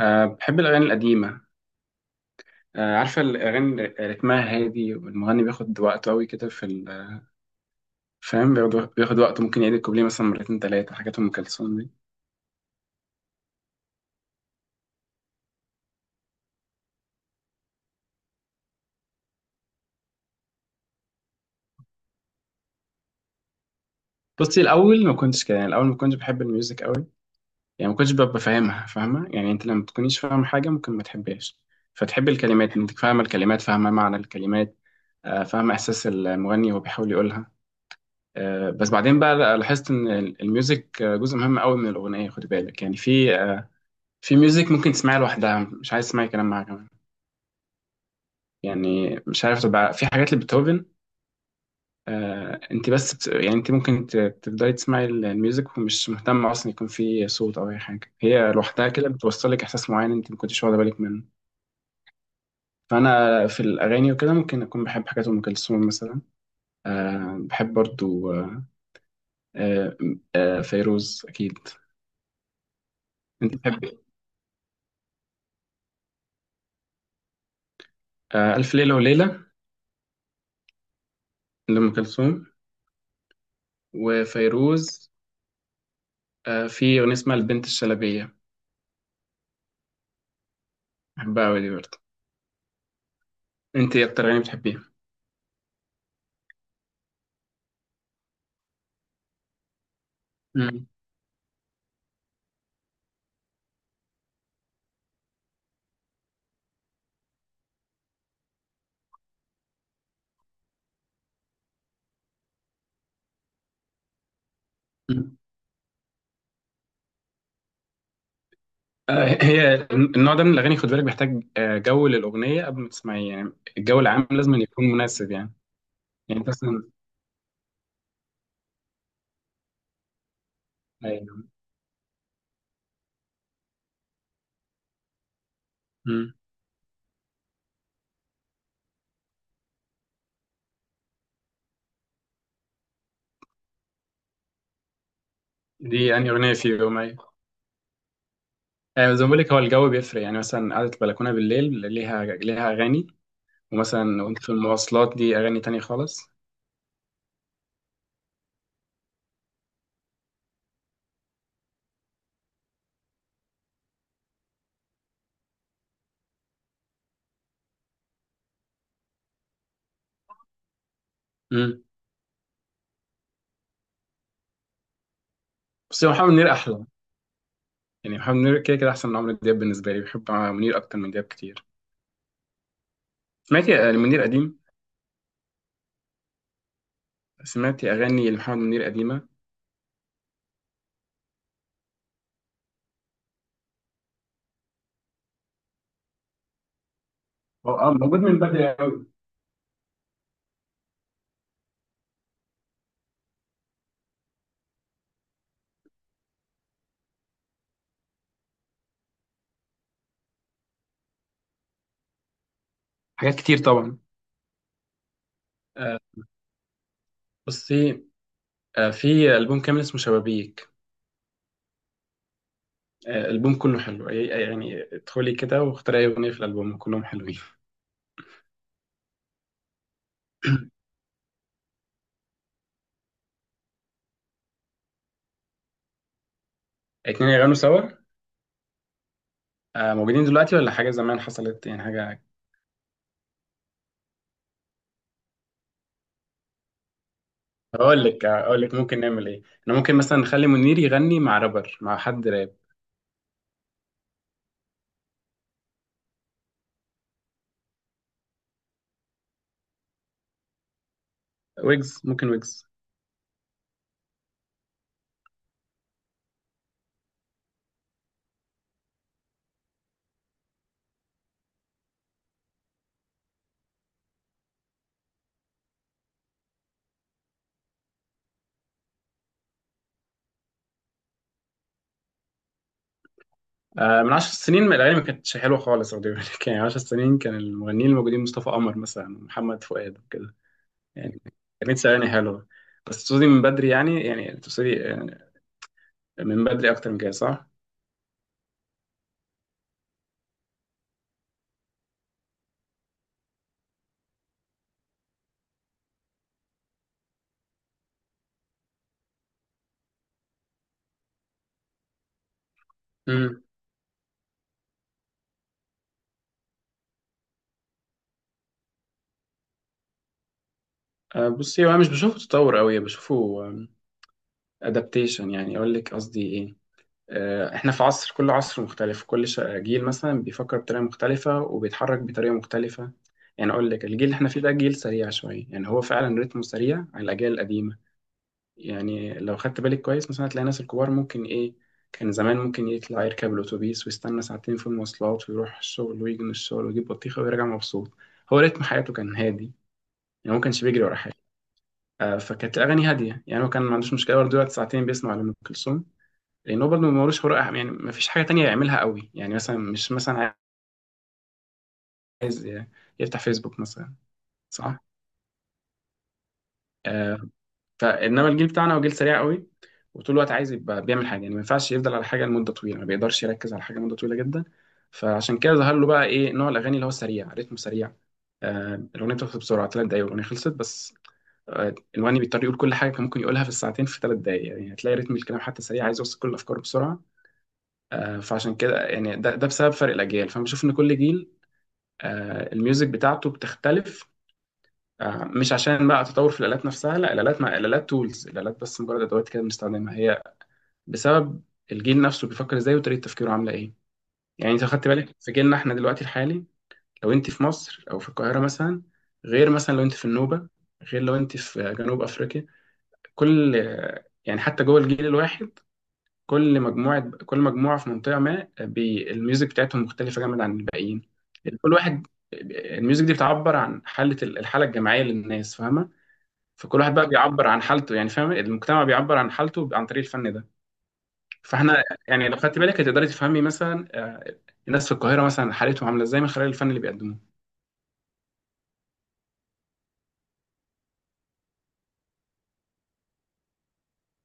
أه، بحب الأغاني القديمة. أه، عارفة الأغاني رتمها هادي والمغني بياخد وقته أوي كده في فاهم، بياخد وقته، ممكن يعيد الكوبليه مثلا مرتين تلاتة حاجات أم كلثوم دي. بصي، الأول ما كنتش كده، يعني الأول ما كنتش بحب الميوزك أوي، يعني ما كنتش ببقى فاهمة يعني. أنت لما تكونيش فاهمة حاجة ممكن ما تحبهاش، فتحب الكلمات، أنت فاهمة الكلمات، فاهمة معنى الكلمات. أه، فاهمة إحساس المغني وهو بيحاول يقولها. أه، بس بعدين بقى لاحظت إن الميوزك جزء مهم أوي من الأغنية، خد بالك، يعني في في ميوزك ممكن تسمعيها لوحدها، مش عايز تسمعي كلام معاها كمان، يعني مش عارف، تبقى في حاجات لبيتهوفن. آه، انت بس يعني انت ممكن تفضلي تسمعي الميوزك ومش مهتمة اصلا يكون في صوت او اي حاجة، هي لوحدها كده بتوصلك احساس معين انت ما كنتش واخدة بالك منه. فانا في الاغاني وكده ممكن اكون بحب حاجات ام كلثوم مثلا. آه، بحب برضو. آه آه. آه، فيروز اكيد. انت بتحبي؟ آه، الف ليلة وليلة لام كلثوم، وفيروز آه، في اغنية اسمها البنت الشلبية، بحبها أوي دي برضه. أنت إيه أكتر أغاني بتحبيها؟ مم. مم. آه، هي النوع ده من الأغاني خد بالك بيحتاج جو للأغنية قبل ما تسمعيه يعني. الجو العام لازم أن يكون مناسب يعني. يعني أنت مثلا. أيوه. مم. دي أنهي أغنية؟ في يوم، أيوه. آه، زي ما بقول لك، هو الجو بيفرق. يعني مثلا قعدة البلكونة بالليل ليها ليها أغاني، ومثلا وأنت في المواصلات دي أغاني تانية خالص. مم. بس هو محمد منير أحلى، يعني محمد منير كده كده أحسن من عمرو دياب بالنسبة لي، بحب منير أكتر من دياب كتير. سمعتي لمنير قديم؟ سمعتي أغاني لمحمد منير قديمة؟ هو اه، موجود من بدري قوي. حاجات كتير طبعا. آه، بصي، في ألبوم كامل اسمه شبابيك، الألبوم كله حلو، يعني يعني ادخلي كده واختاري أي أغنية في الألبوم كلهم حلوين. اتنين يغنوا سوا موجودين دلوقتي، ولا حاجة زمان حصلت، يعني حاجة؟ هقول لك ممكن نعمل إيه. أنا ممكن مثلا نخلي منير يغني مع رابر، مع حد راب. ويجز، ممكن ويجز. آه، من 10 سنين الأغاني ما كانتش حلوة خالص، أقول لك. يعني 10 سنين كان المغنيين الموجودين مصطفى قمر مثلا ومحمد فؤاد وكده يعني. 30 ثواني حلوة. بس تقصدي من بدري يعني، يعني تقصدي من بدري أكتر من كده، صح؟ امم آه، بصي، هو أنا مش بشوفه تطور أوي، بشوفه أدابتيشن. يعني أقول لك قصدي إيه. آه، إحنا في عصر، كل عصر مختلف، كل جيل مثلا بيفكر بطريقة مختلفة وبيتحرك بطريقة مختلفة. يعني أقول لك الجيل اللي إحنا فيه ده جيل سريع شوية، يعني هو فعلا رتمه سريع على الأجيال القديمة. يعني لو خدت بالك كويس، مثلا هتلاقي الناس الكبار ممكن إيه، كان زمان ممكن يطلع يركب الأتوبيس ويستنى ساعتين في المواصلات ويروح الشغل ويجي من الشغل ويجيب بطيخة ويرجع مبسوط. هو رتم حياته كان هادي، يعني ما كانش بيجري ورا حاجة. آه، فكانت الأغاني هادية. يعني هو كان ما عندوش مشكلة برضه دلوقتي ساعتين بيسمع لأم كلثوم، لأن هو برضه ما ملوش حرقة، يعني ما فيش حاجة تانية يعملها قوي، يعني مثلا مش مثلا عايز يفتح فيسبوك مثلا، صح؟ آه، فانما الجيل بتاعنا هو جيل سريع قوي، وطول الوقت عايز يبقى بيعمل حاجه، يعني ما ينفعش يفضل على حاجه لمده طويله، ما بيقدرش يركز على حاجه مده طويله جدا. فعشان كده ظهر له بقى ايه، نوع الاغاني اللي هو سريع، رتمه سريع. آه، الاغنيه بتخلص بسرعه، 3 دقايق الاغنيه خلصت بس. آه، الواني بيضطر يقول كل حاجه كان ممكن يقولها في الساعتين في 3 دقايق، يعني هتلاقي رتم الكلام حتى سريع، عايز يوصل كل الافكار بسرعه. آه، فعشان كده يعني ده بسبب فرق الاجيال، فانا بشوف ان كل جيل آه، الميوزك بتاعته بتختلف. آه، مش عشان بقى تطور في الآلات نفسها، لا الآلات، ما الآلات تولز، الآلات بس مجرد أدوات كده بنستخدمها، هي بسبب الجيل نفسه بيفكر ازاي وطريقة تفكيره عاملة ايه. يعني انت خدت بالك في جيلنا احنا دلوقتي الحالي، لو انت في مصر او في القاهرة مثلا، غير مثلا لو انت في النوبة، غير لو انت في جنوب أفريقيا. كل، يعني حتى جوه الجيل الواحد، كل مجموعة في منطقة ما بي... الميوزك بتاعتهم مختلفة جامد عن الباقيين. كل واحد، الميوزك دي بتعبر عن حالة، الحالة الجماعية للناس، فاهمة؟ فكل واحد بقى بيعبر عن حالته، يعني فاهم، المجتمع بيعبر عن حالته عن طريق الفن ده. فاحنا يعني لو خدت بالك هتقدري تفهمي مثلا الناس في القاهرة مثلا حالتهم عاملة ازاي من خلال الفن اللي بيقدموه.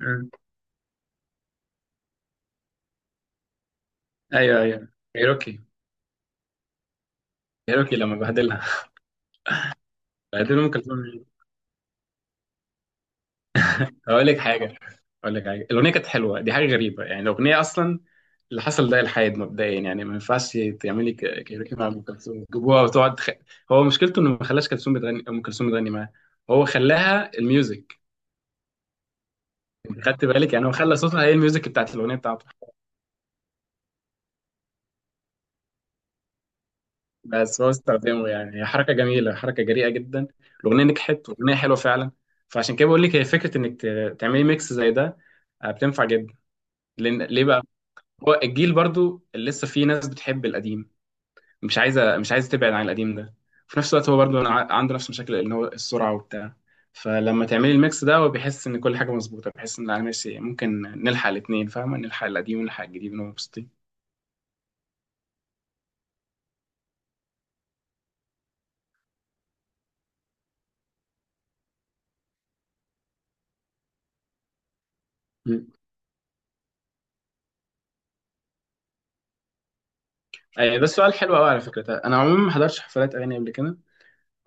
مم. ايوه، كايروكي. كايروكي لما بهدلها. بهدل ام كلثوم. هقول لك حاجة، اقول لك حاجه، الاغنيه كانت حلوه، دي حاجه غريبه، يعني الاغنيه اصلا، اللي حصل ده الحاد مبدئيا، يعني ما ينفعش تعملي كايروكي مع ام كلثوم جيبوها وتقعد هو مشكلته انه ما خلاش كلثوم بتغني، ام كلثوم بتغني معاه، هو خلاها الميوزك. انت خدت بالك؟ يعني هو خلى صوتها هي الميوزك بتاعت الاغنيه بتاعته. بس هو استخدمه، يعني هي حركه جميله، حركه جريئه جدا، الاغنيه نجحت، والاغنيه حلوه فعلا. فعشان كده بقول لك هي فكره انك تعملي ميكس زي ده، آه، بتنفع جدا. لان ليه بقى، هو الجيل برضو اللي لسه فيه ناس بتحب القديم، مش عايزه تبعد عن القديم ده. في نفس الوقت هو برضو عنده نفس المشاكل، ان هو السرعه وبتاع. فلما تعملي الميكس ده هو بيحس ان كل حاجه مظبوطه، بيحس ان انا ماشي، ممكن نلحق الاثنين، فاهمه، نلحق القديم ونلحق الجديد ونبقى مبسوطين. اي، ده سؤال حلو قوي على فكره. انا عموما ما حضرتش حفلات اغاني قبل كده،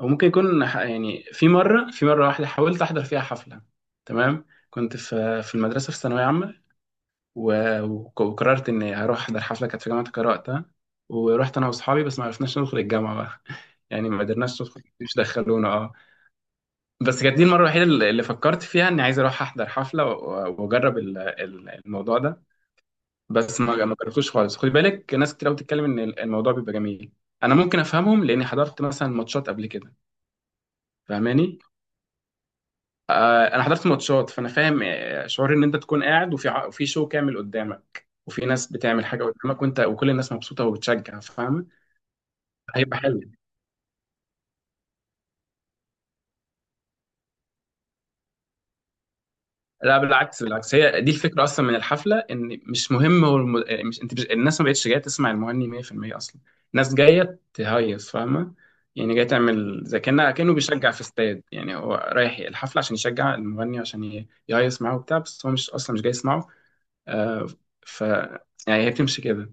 او ممكن يكون يعني في مره، في مره واحده حاولت احضر فيها حفله. تمام. كنت في في المدرسه، في ثانويه عامه، وقررت اني هروح احضر حفله، كانت في جامعه القاهره وقتها. ورحت انا واصحابي، بس ما عرفناش ندخل الجامعه بقى. يعني ما قدرناش ندخل، مش دخلونا اه، بس كانت دي المره الوحيده اللي فكرت فيها اني عايز اروح احضر حفله واجرب الموضوع ده. بس ما جربتوش خالص. خدي بالك ناس كتير قوي بتتكلم ان الموضوع بيبقى جميل. انا ممكن افهمهم لاني حضرت مثلا ماتشات قبل كده، فاهماني. آه، انا حضرت ماتشات، فانا فاهم شعور ان انت تكون قاعد وفي وفي شو كامل قدامك وفي ناس بتعمل حاجه قدامك، وانت وكل الناس مبسوطه وبتشجع، فاهم؟ هيبقى حلو. لا بالعكس، بالعكس هي دي الفكره اصلا من الحفله، ان مش مهم هو إيه، مش انت مش... الناس ما بقتش جايه تسمع المغني 100%، اصلا الناس جايه تهيص، فاهمه؟ يعني جايه تعمل زي كانه كانه بيشجع في استاد، يعني هو رايح الحفله عشان يشجع المغني عشان يهيص معاه وبتاع، بس هو مش اصلا مش جاي يسمعه. آه، ف يعني هي بتمشي كده.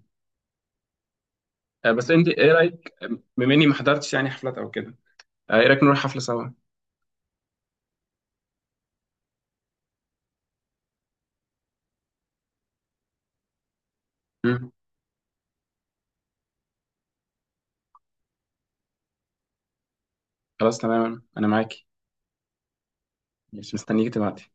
آه، بس انت ايه رايك، بما اني ما حضرتش يعني حفلات او كده، آه، ايه رايك نروح حفله سوا؟ مم. خلاص تمام، انا معاكي، مش مستنيك تبعتي.